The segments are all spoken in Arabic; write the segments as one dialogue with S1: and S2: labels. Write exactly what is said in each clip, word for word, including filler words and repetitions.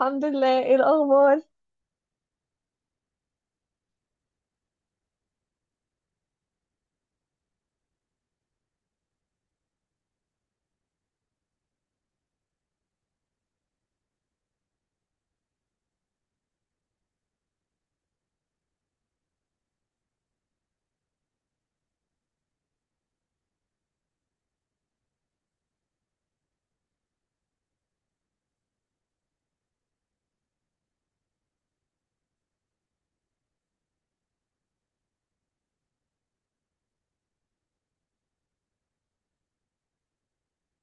S1: الحمد لله. ايه الاخبار؟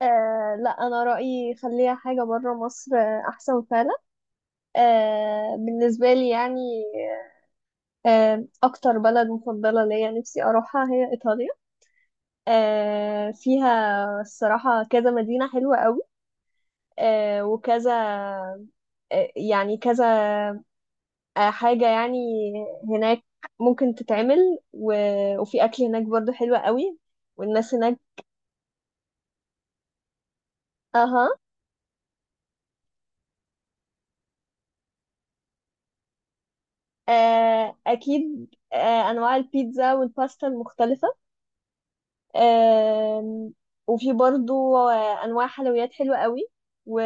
S1: آه لا، انا رايي خليها حاجه بره مصر، آه، احسن فعلا. آه بالنسبه لي يعني. آه اكتر بلد مفضله ليا نفسي اروحها هي ايطاليا. آه فيها الصراحه كذا مدينه حلوه قوي، آه وكذا، آه يعني كذا، آه حاجه يعني هناك ممكن تتعمل. و... وفي اكل هناك برضو حلو قوي، والناس هناك. اها. آه، أكيد، آه، أنواع البيتزا والباستا المختلفة. آم، وفي برضو آه، أنواع حلويات حلوة قوي. و...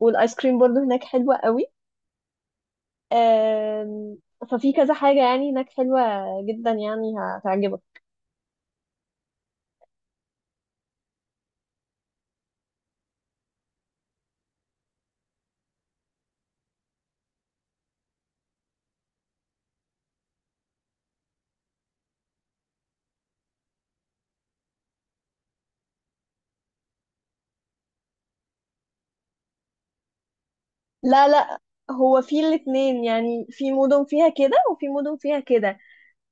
S1: والآيس كريم برضو هناك حلوة قوي. آم، ففي كذا حاجة يعني هناك حلوة جدا، يعني هتعجبك. لا، لا. هو في الاتنين، يعني في مدن فيها كده وفي مدن فيها كده،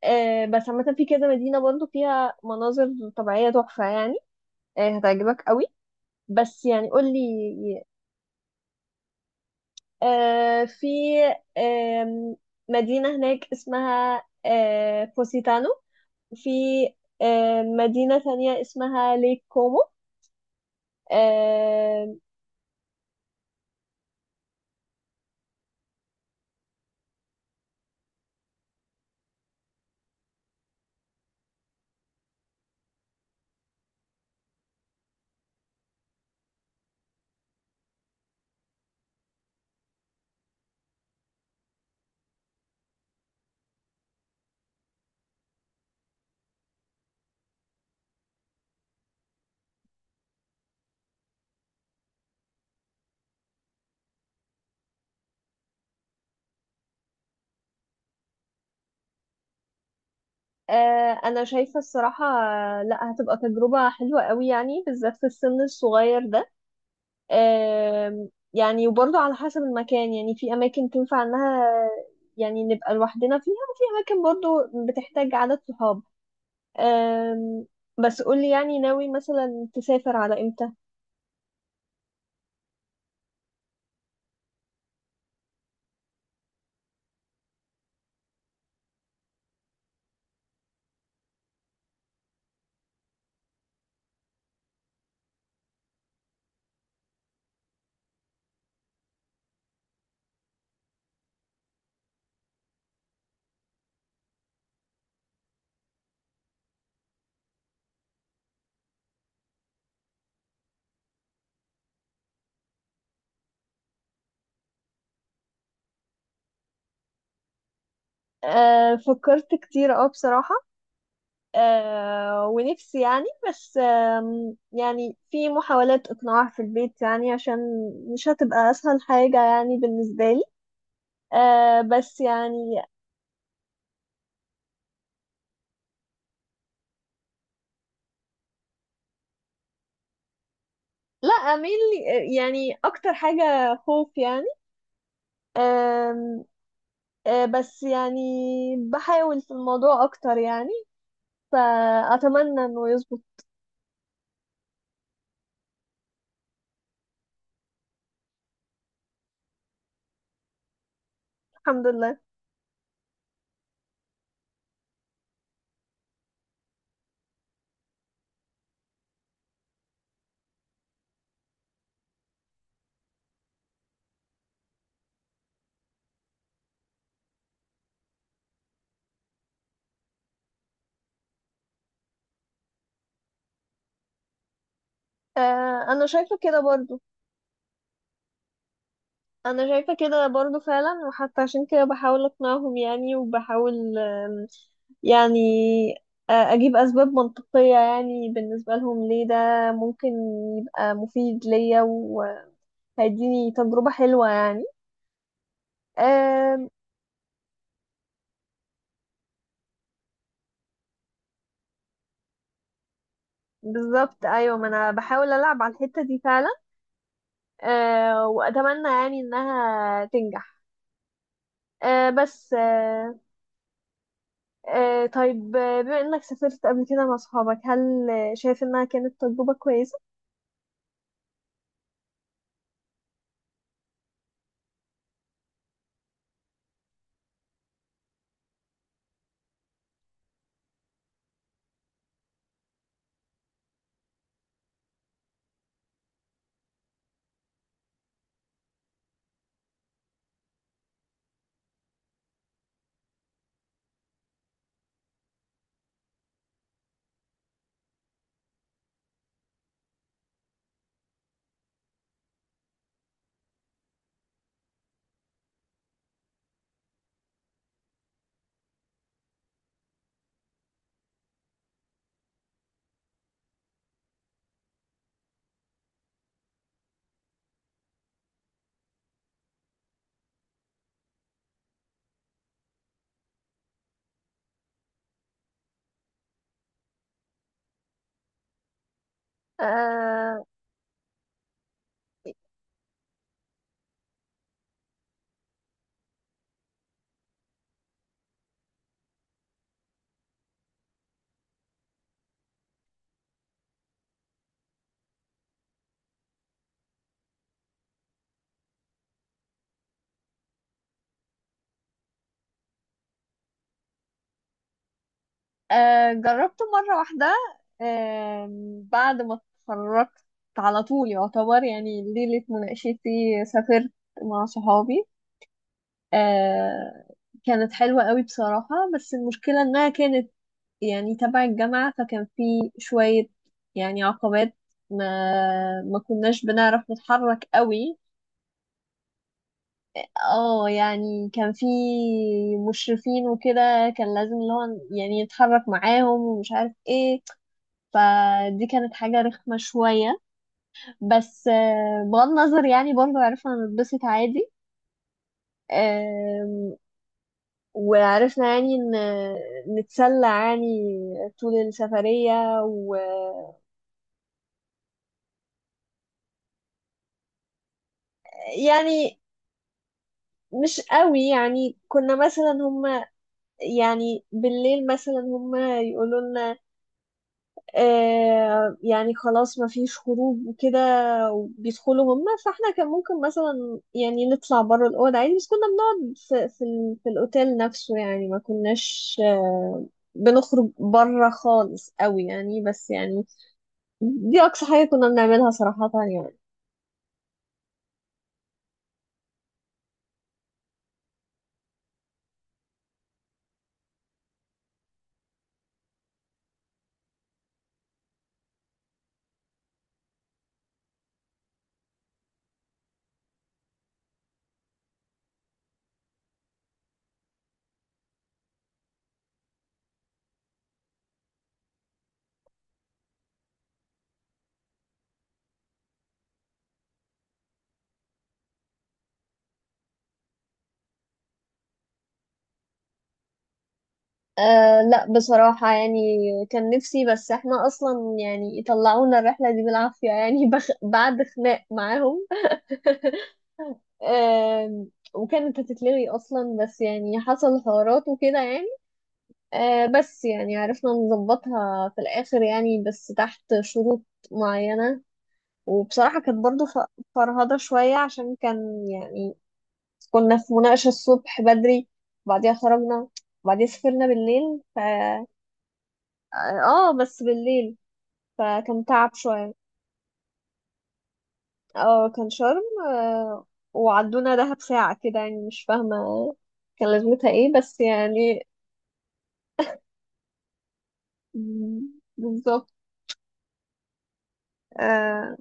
S1: آه، بس عامة في كذا مدينة برضو فيها مناظر طبيعية تحفة يعني، آه، هتعجبك قوي. بس يعني قولي، آه، في آم، مدينة هناك اسمها آه، بوسيتانو. في آه، مدينة تانية اسمها ليك كومو. آه، آه، أنا شايفة الصراحة، آه، لا، هتبقى تجربة حلوة قوي يعني بالذات في السن الصغير ده، آم، يعني وبرضه على حسب المكان، يعني في أماكن تنفع إنها يعني نبقى لوحدنا فيها وفي أماكن برضه بتحتاج عدد صحاب. آم، بس قولي يعني ناوي مثلا تسافر على إمتى؟ آه فكرت كتير اه بصراحة، آه ونفسي يعني، بس آم، يعني في محاولات إقناع في البيت، يعني عشان مش هتبقى أسهل حاجة يعني بالنسبة لي، آه بس يعني. لا، أميل يعني أكتر حاجة خوف يعني. آم، آه بس يعني بحاول في الموضوع أكتر يعني، فأتمنى إنه يظبط. الحمد لله. آه أنا شايفة كده برضو. انا شايفة كده برضو فعلا، وحتى عشان كده بحاول اقنعهم يعني، وبحاول آم، يعني آه، اجيب اسباب منطقية يعني بالنسبة لهم ليه ده ممكن يبقى مفيد ليا وهيديني تجربة حلوة يعني. آم، بالظبط، ايوه، ما انا بحاول العب على الحتة دي فعلا، آه، واتمنى يعني انها تنجح. آه، بس آه، آه، طيب، آه، بما انك سافرت قبل كده مع صحابك هل آه، شايف انها كانت تجربة كويسة؟ آه جربته مرة واحدة. آه بعد ما اتخرجت على طول يعتبر، يعني ليلة مناقشتي سافرت مع صحابي. آه كانت حلوة قوي بصراحة، بس المشكلة انها كانت يعني تبع الجامعة، فكان في شوية يعني عقبات، ما ما كناش بنعرف نتحرك قوي. اه يعني كان في مشرفين وكده كان لازم اللي هو يعني يتحرك معاهم ومش عارف ايه، فدي كانت حاجة رخمة شوية. بس آه، بغض النظر يعني برضو عرفنا نتبسط عادي، آم، وعرفنا يعني ن- نتسلى يعني طول السفرية ويعني مش قوي، يعني كنا مثلا هما يعني بالليل مثلا هما يقولوا لنا آه يعني خلاص ما فيش خروج وكده، وبيدخلوا هم، فاحنا كان ممكن مثلا يعني نطلع بره الأوضة عادي، بس كنا بنقعد في, في, ال- في الأوتيل نفسه يعني ما كناش آه بنخرج بره خالص قوي يعني، بس يعني دي أقصى حاجة كنا بنعملها صراحة يعني. آه لا، بصراحة يعني كان نفسي، بس احنا أصلا يعني طلعونا الرحلة دي بالعافية يعني بخ بعد خناق معاهم. آم، وكانت هتتلغي اصلا، بس يعني حصل حوارات وكده يعني، آه، بس يعني عرفنا نظبطها في الاخر يعني، بس تحت شروط معينة. وبصراحة كانت برضو ف- فرهضة شوية عشان كان يعني كنا في مناقشة الصبح بدري، وبعديها خرجنا، وبعديها سافرنا بالليل ف اه، بس بالليل. فكان تعب شوية. اه، كان شرم. آه، وعدونا دهب ساعة كده يعني مش فاهمة كان لازمتها ايه بس يعني. مم، بالظبط. آه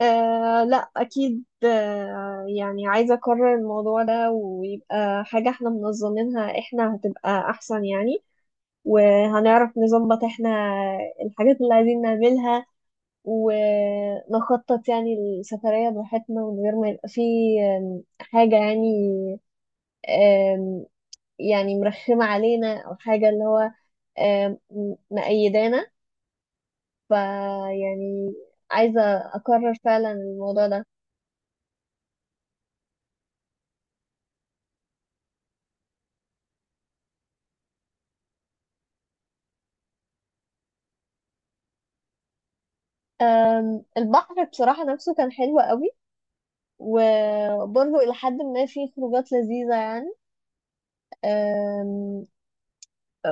S1: آه لا، أكيد آه يعني عايزة أكرر الموضوع ده ويبقى حاجة احنا منظمينها، احنا هتبقى أحسن يعني، وهنعرف نظبط احنا الحاجات اللي عايزين نعملها، ونخطط يعني السفرية براحتنا من غير ما يبقى فيه آم، حاجة يعني، آم، يعني مرخمة علينا أو حاجة اللي هو آم، مقيدانا، فيعني عايزة أكرر فعلا الموضوع ده. البحر بصراحة نفسه كان حلو قوي، وبرضه إلى حد ما فيه خروجات لذيذة يعني، أم،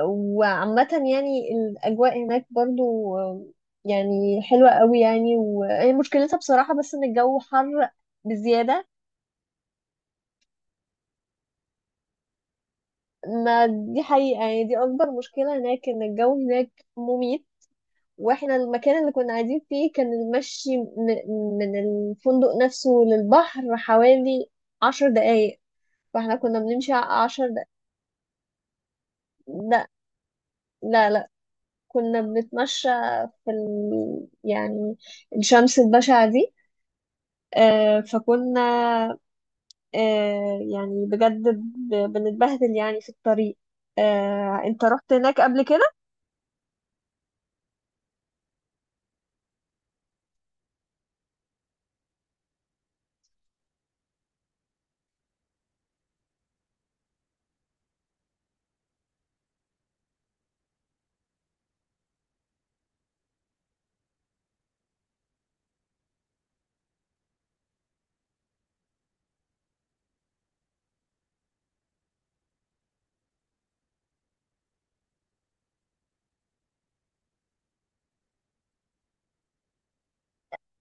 S1: وعامة يعني الأجواء هناك برضه أم، يعني حلوة قوي يعني، وهي مشكلتها بصراحة بس إن الجو حر بزيادة. ما دي حقيقة يعني، دي أكبر مشكلة هناك إن الجو هناك مميت. واحنا المكان اللي كنا قاعدين فيه كان المشي م- من الفندق نفسه للبحر حوالي عشر دقايق، فاحنا كنا بنمشي ع- عشر دقايق. لا، لا، لا. كنا بنتمشى في ال... يعني الشمس البشعة دي. آه فكنا، آه يعني بجد ب- بنتبهدل يعني في الطريق. آه انت رحت هناك قبل كده؟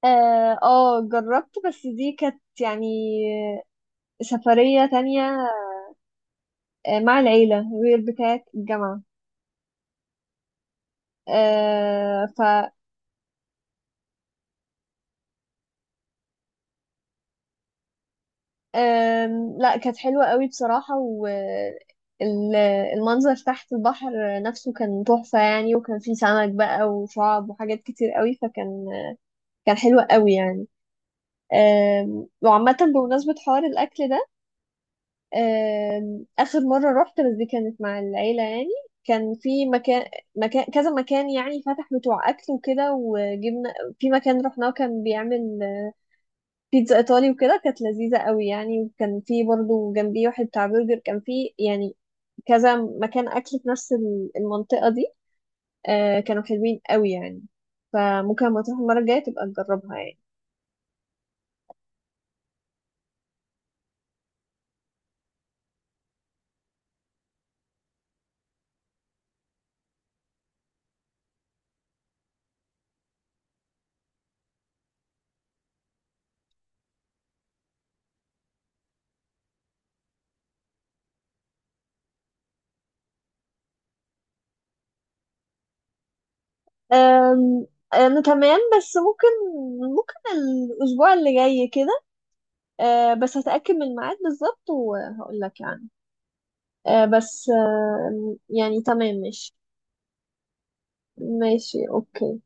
S1: اه، آه، جربت، بس دي كانت يعني سفرية تانية، آه، مع العيلة غير بتاعة الجامعة، آه، ف آم، لا، كانت حلوة قوي بصراحة، والمنظر تحت البحر نفسه كان تحفة يعني، وكان فيه سمك بقى وشعاب وحاجات كتير قوي فكان كان حلو قوي يعني. آم، وعامة بمناسبة حوار الأكل ده، آم، آخر مرة رحت بس دي كانت مع العيلة يعني، كان في مكان مكان كذا مكان يعني فتح بتوع أكل وكده، وجبنا في مكان رحناه كان بيعمل بيتزا ايطالي وكده كانت لذيذه قوي يعني، وكان في برضو جنبي واحد بتاع برجر. كان في يعني كذا مكان اكل في نفس ال- المنطقه دي، آه كانوا حلوين قوي يعني، فممكن لما تروح المره الجايه تبقى تجربها يعني. آم، انا تمام، بس ممكن ممكن الاسبوع اللي جاي كده، آه بس هتاكد من الميعاد بالظبط وهقول لك يعني، آه بس آه يعني تمام ماشي. ماشي، اوكي.